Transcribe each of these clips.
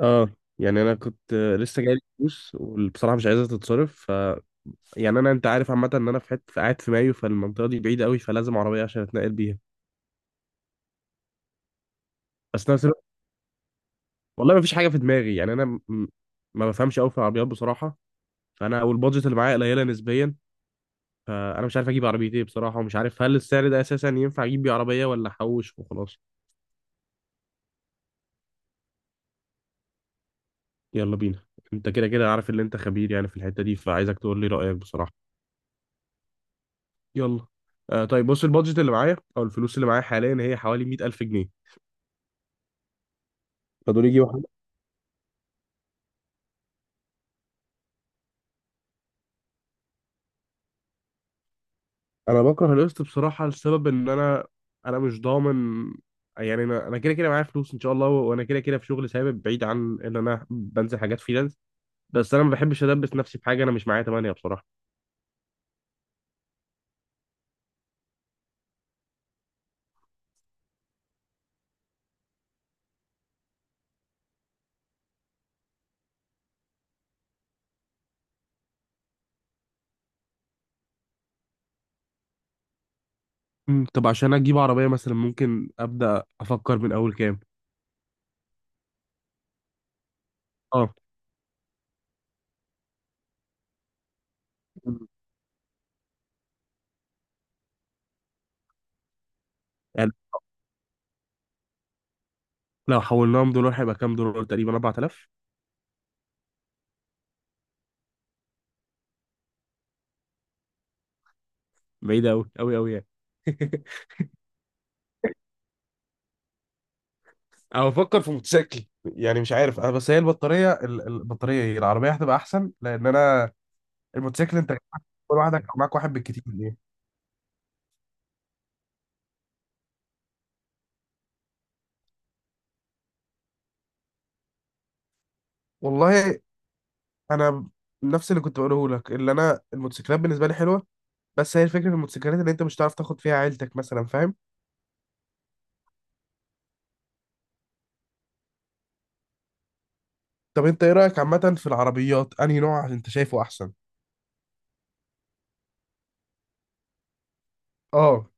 اه. يعني انا كنت لسه جاي لي فلوس، وبصراحه مش عايزها تتصرف. ف انا، انت عارف عامه، ان انا في حته قاعد في مايو، فالمنطقه دي بعيده قوي، فلازم عربيه عشان اتنقل بيها. بس نفس الوقت، والله ما فيش حاجه في دماغي. ما بفهمش قوي في العربيات بصراحه. فانا والبادجت اللي معايا قليله نسبيا، فانا مش عارف اجيب عربيه ايه بصراحه، ومش عارف هل السعر ده اساسا ينفع اجيب بيه عربيه ولا احوش وخلاص. يلا بينا. انت كده كده عارف ان انت خبير في الحته دي، فعايزك تقول لي رايك بصراحه. يلا. آه طيب، بص، البادجت اللي معايا او الفلوس اللي معايا حاليا هي حوالي 100,000 جنيه. فدول يجي واحد. انا بكره القسط بصراحه، لسبب ان انا مش ضامن. يعني انا كده كده معايا فلوس ان شاء الله، وانا كده كده في شغل ثابت، بعيد عن ان انا بنزل حاجات فريلانس. بس انا ما بحبش ادبس نفسي بحاجه انا مش معايا تمانية بصراحه. طب عشان اجيب عربيه مثلا، ممكن ابدا افكر من اول كام؟ اه. مم. يعني لو حولناهم دولار هيبقى كام دولار؟ تقريبا 4,000. بعيده قوي قوي قوي يعني. انا بفكر في موتوسيكل. يعني مش عارف انا، بس هي البطاريه البطاريه، ايه؟ العربيه هتبقى احسن، لان انا الموتوسيكل انت كل واحدك او معاك واحد بالكتير، ايه؟ والله انا نفس اللي كنت بقوله لك، اللي انا الموتوسيكلات بالنسبه لي حلوه، بس هي الفكره في الموتوسيكلات اللي انت مش هتعرف تاخد فيها عيلتك مثلا، فاهم؟ طب انت ايه رايك عامه في العربيات؟ انهي نوع انت شايفه احسن؟ اه.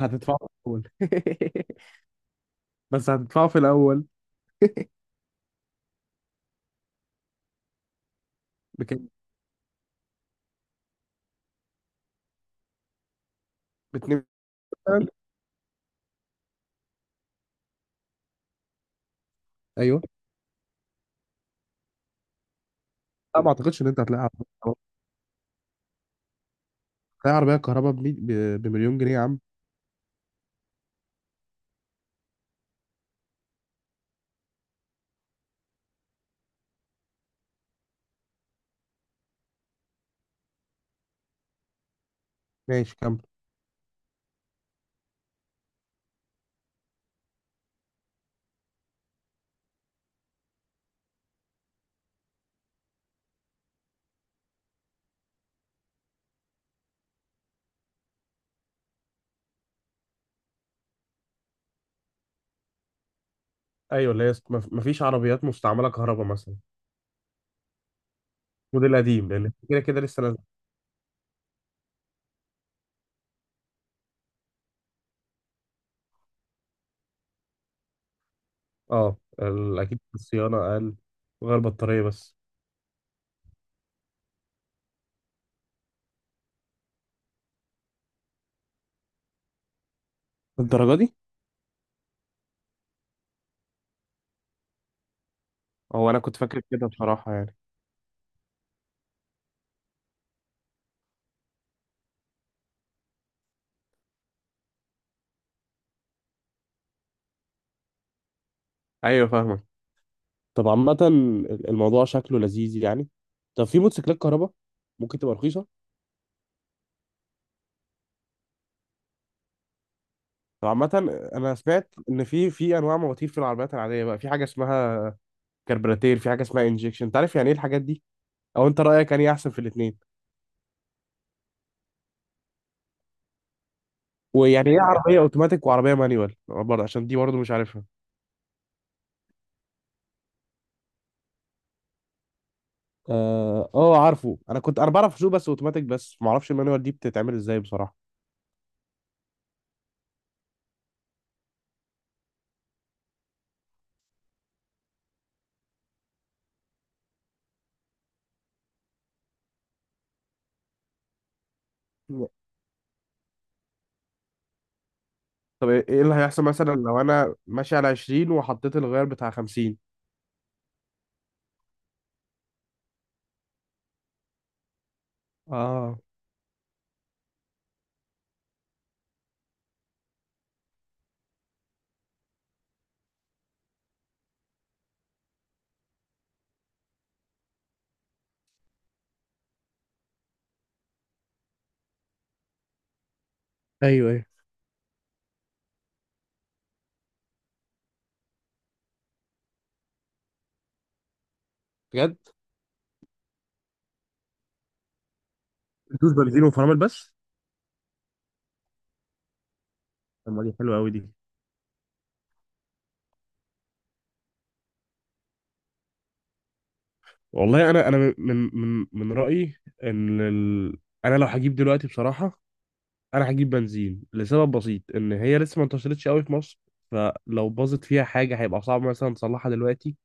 هتدفعه في الاول. بس هتدفعه في الاول. بكام؟ باتنين مثلاً؟ ايوه. لا، ما اعتقدش ان انت هتلاقيها. تلاقي عربية كهرباء بمليون جنيه يا عم؟ ماشي، كمل. ايوه، اللي هي است- مف- مفيش عربيات مستعمله كهرباء مثلا، موديل قديم، لان كده كده لسه نازل. اكيد الصيانه اقل. وغير بطاريه بس. الدرجة دي؟ هو أنا كنت فاكر كده بصراحة يعني. أيوة فاهمك. طب عامة، الموضوع شكله لذيذ يعني. طب في موتوسيكلات كهرباء ممكن تبقى رخيصة؟ طب عامة، أنا سمعت إن في أنواع مواتير في العربيات العادية بقى، في حاجة اسمها كربراتير، في حاجة اسمها انجكشن، أنت عارف يعني إيه الحاجات دي؟ أو أنت رأيك أنهي أحسن في الاتنين؟ ويعني ايه عربيه اوتوماتيك وعربيه مانيوال؟ برضه عشان دي برضه مش عارفها. اه. آه، عارفه. انا كنت انا بعرف اسوق بس اوتوماتيك، بس ما اعرفش المانيوال دي بتتعمل ازاي بصراحه. طب ايه، إيه اللي هيحصل مثلا لو انا ماشي على 20 وحطيت الغير بتاع 50؟ اه. ايوه ايوه. بجد؟ بتدوس بنزين وفرامل بس؟ طب ما دي حلوه قوي دي. والله انا، انا من رايي ان ال... انا لو هجيب دلوقتي بصراحه، انا هجيب بنزين لسبب بسيط، ان هي لسه ما انتشرتش قوي في مصر، فلو باظت فيها حاجه هيبقى صعب مثلا تصلحها دلوقتي.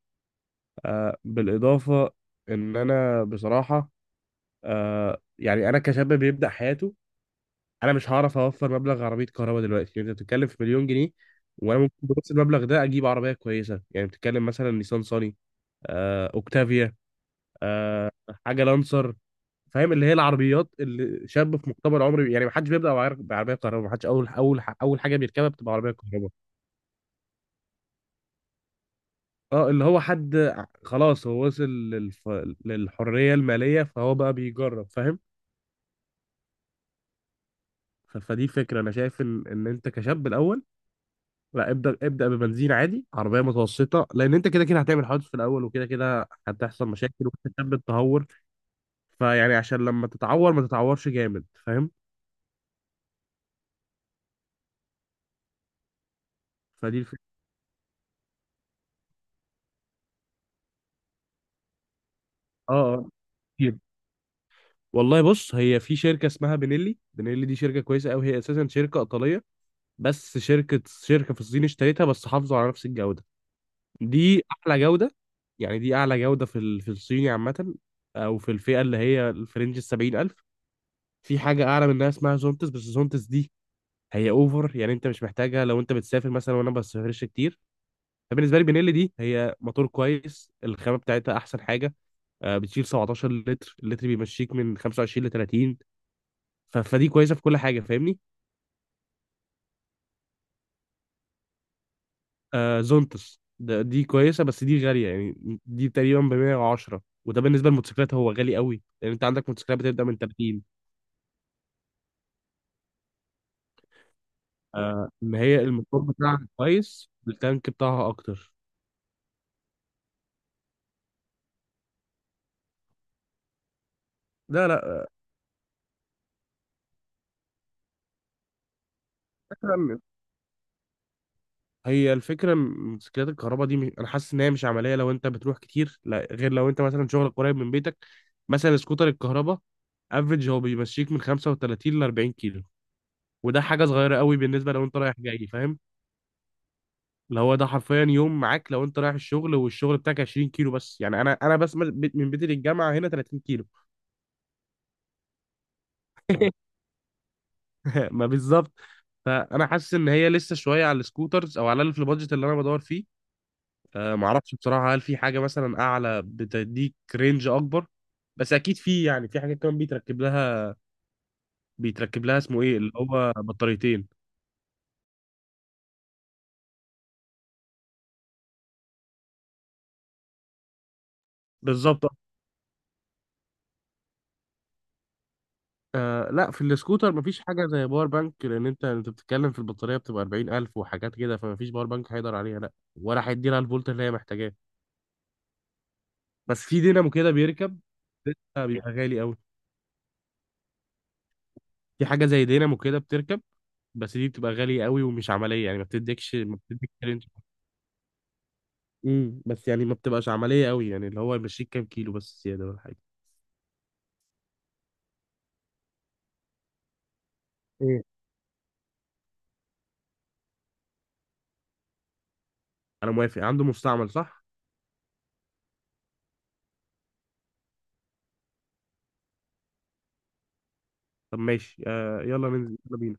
آه بالاضافه ان انا بصراحه، انا كشاب بيبدا حياته انا مش هعرف اوفر مبلغ عربيه كهرباء دلوقتي، يعني انت بتتكلم في مليون جنيه، وانا ممكن بنفس المبلغ ده اجيب عربيه كويسه. يعني بتتكلم مثلا نيسان صاني، آه، اوكتافيا، آه، حاجه لانسر. فاهم؟ اللي هي العربيات اللي شاب في مقتبل عمري، يعني ما حدش بيبدا بعربيه كهرباء. ما حدش اول اول اول حاجه بيركبها بتبقى عربيه كهرباء. اه، اللي هو حد ع- خلاص، هو وصل للحريه الماليه، فهو بقى بيجرب، فاهم؟ فدي فكره. انا شايف ان انت كشاب الاول، لا، ابدا ابدا، ببنزين عادي، عربيه متوسطه، لان انت كده كده هتعمل حوادث في الاول، وكده كده هتحصل مشاكل وانت شاب، التهور. فيعني عشان لما تتعور ما تتعورش جامد، فاهم؟ فدي الفكره. اه اه. والله بص، هي في شركة اسمها بنيلي. بنيلي دي شركة كويسة أوي، هي أساسا شركة إيطالية، بس شركة في الصين اشتريتها، بس حافظوا على نفس الجودة. دي أعلى جودة، يعني دي أعلى جودة في الصيني عامة، أو في الفئة اللي هي الفرنج السبعين ألف. في حاجة أعلى منها اسمها زونتس، بس زونتس دي هي أوفر، يعني أنت مش محتاجها لو أنت بتسافر مثلا، وأنا ما بسافرش كتير. فبالنسبة لي بنيلي دي هي موتور كويس، الخامة بتاعتها أحسن حاجة. آه، بتشيل 17 لتر، اللتر بيمشيك من 25 ل 30. فدي كويسه في كل حاجه، فاهمني؟ آه، زونتس ده، دي كويسه بس دي غاليه يعني. دي تقريبا ب 110، وده بالنسبه للموتوسيكلات هو غالي قوي، لان انت عندك موتوسيكلات بتبدا من 30. آه، ان هي الموتور بتاعها كويس، التانك بتاعها اكتر. لا لا. فكرة- هي الفكره م- موتوسيكلات الكهرباء دي مش... انا حاسس ان هي مش عمليه لو انت بتروح كتير، لا غير لو انت مثلا شغلك قريب من بيتك. مثلا سكوتر الكهرباء افريج هو بيمشيك من 35 ل 40 كيلو، وده حاجه صغيره قوي بالنسبه لو انت رايح جاي، فاهم؟ اللي هو ده حرفيا يوم معاك لو انت رايح الشغل والشغل بتاعك 20 كيلو بس. يعني انا، من بيتي للجامعه هنا 30 كيلو. ما بالظبط. فانا حاسس ان هي لسه شويه على السكوترز، او على الاقل في البادجت اللي انا بدور فيه. أه ما اعرفش بصراحه، هل في حاجه مثلا اعلى بتديك رينج اكبر؟ بس اكيد في. يعني في حاجات كمان بيتركب لها، بيتركب لها اسمه ايه، اللي هو بطاريتين. بالظبط. آه لا، في السكوتر مفيش حاجة زي باور بانك، لأن أنت بتتكلم في البطارية بتبقى 40,000 وحاجات كده، فمفيش باور بانك هيقدر عليها، لا ولا هيديلها الفولت اللي هي محتاجاه. بس في دينامو كده بيركب، ده بيبقى غالي قوي. في حاجة زي دينامو كده بتركب، بس دي بتبقى غالية قوي ومش عملية يعني، ما بتديكش رينج. بس يعني ما بتبقاش عملية قوي، يعني اللي هو يمشيك كام كيلو بس زيادة ولا حاجة. ايه؟ انا موافق. عنده مستعمل، صح؟ طب ماشي، آه، يلا ننزل، يلا بينا.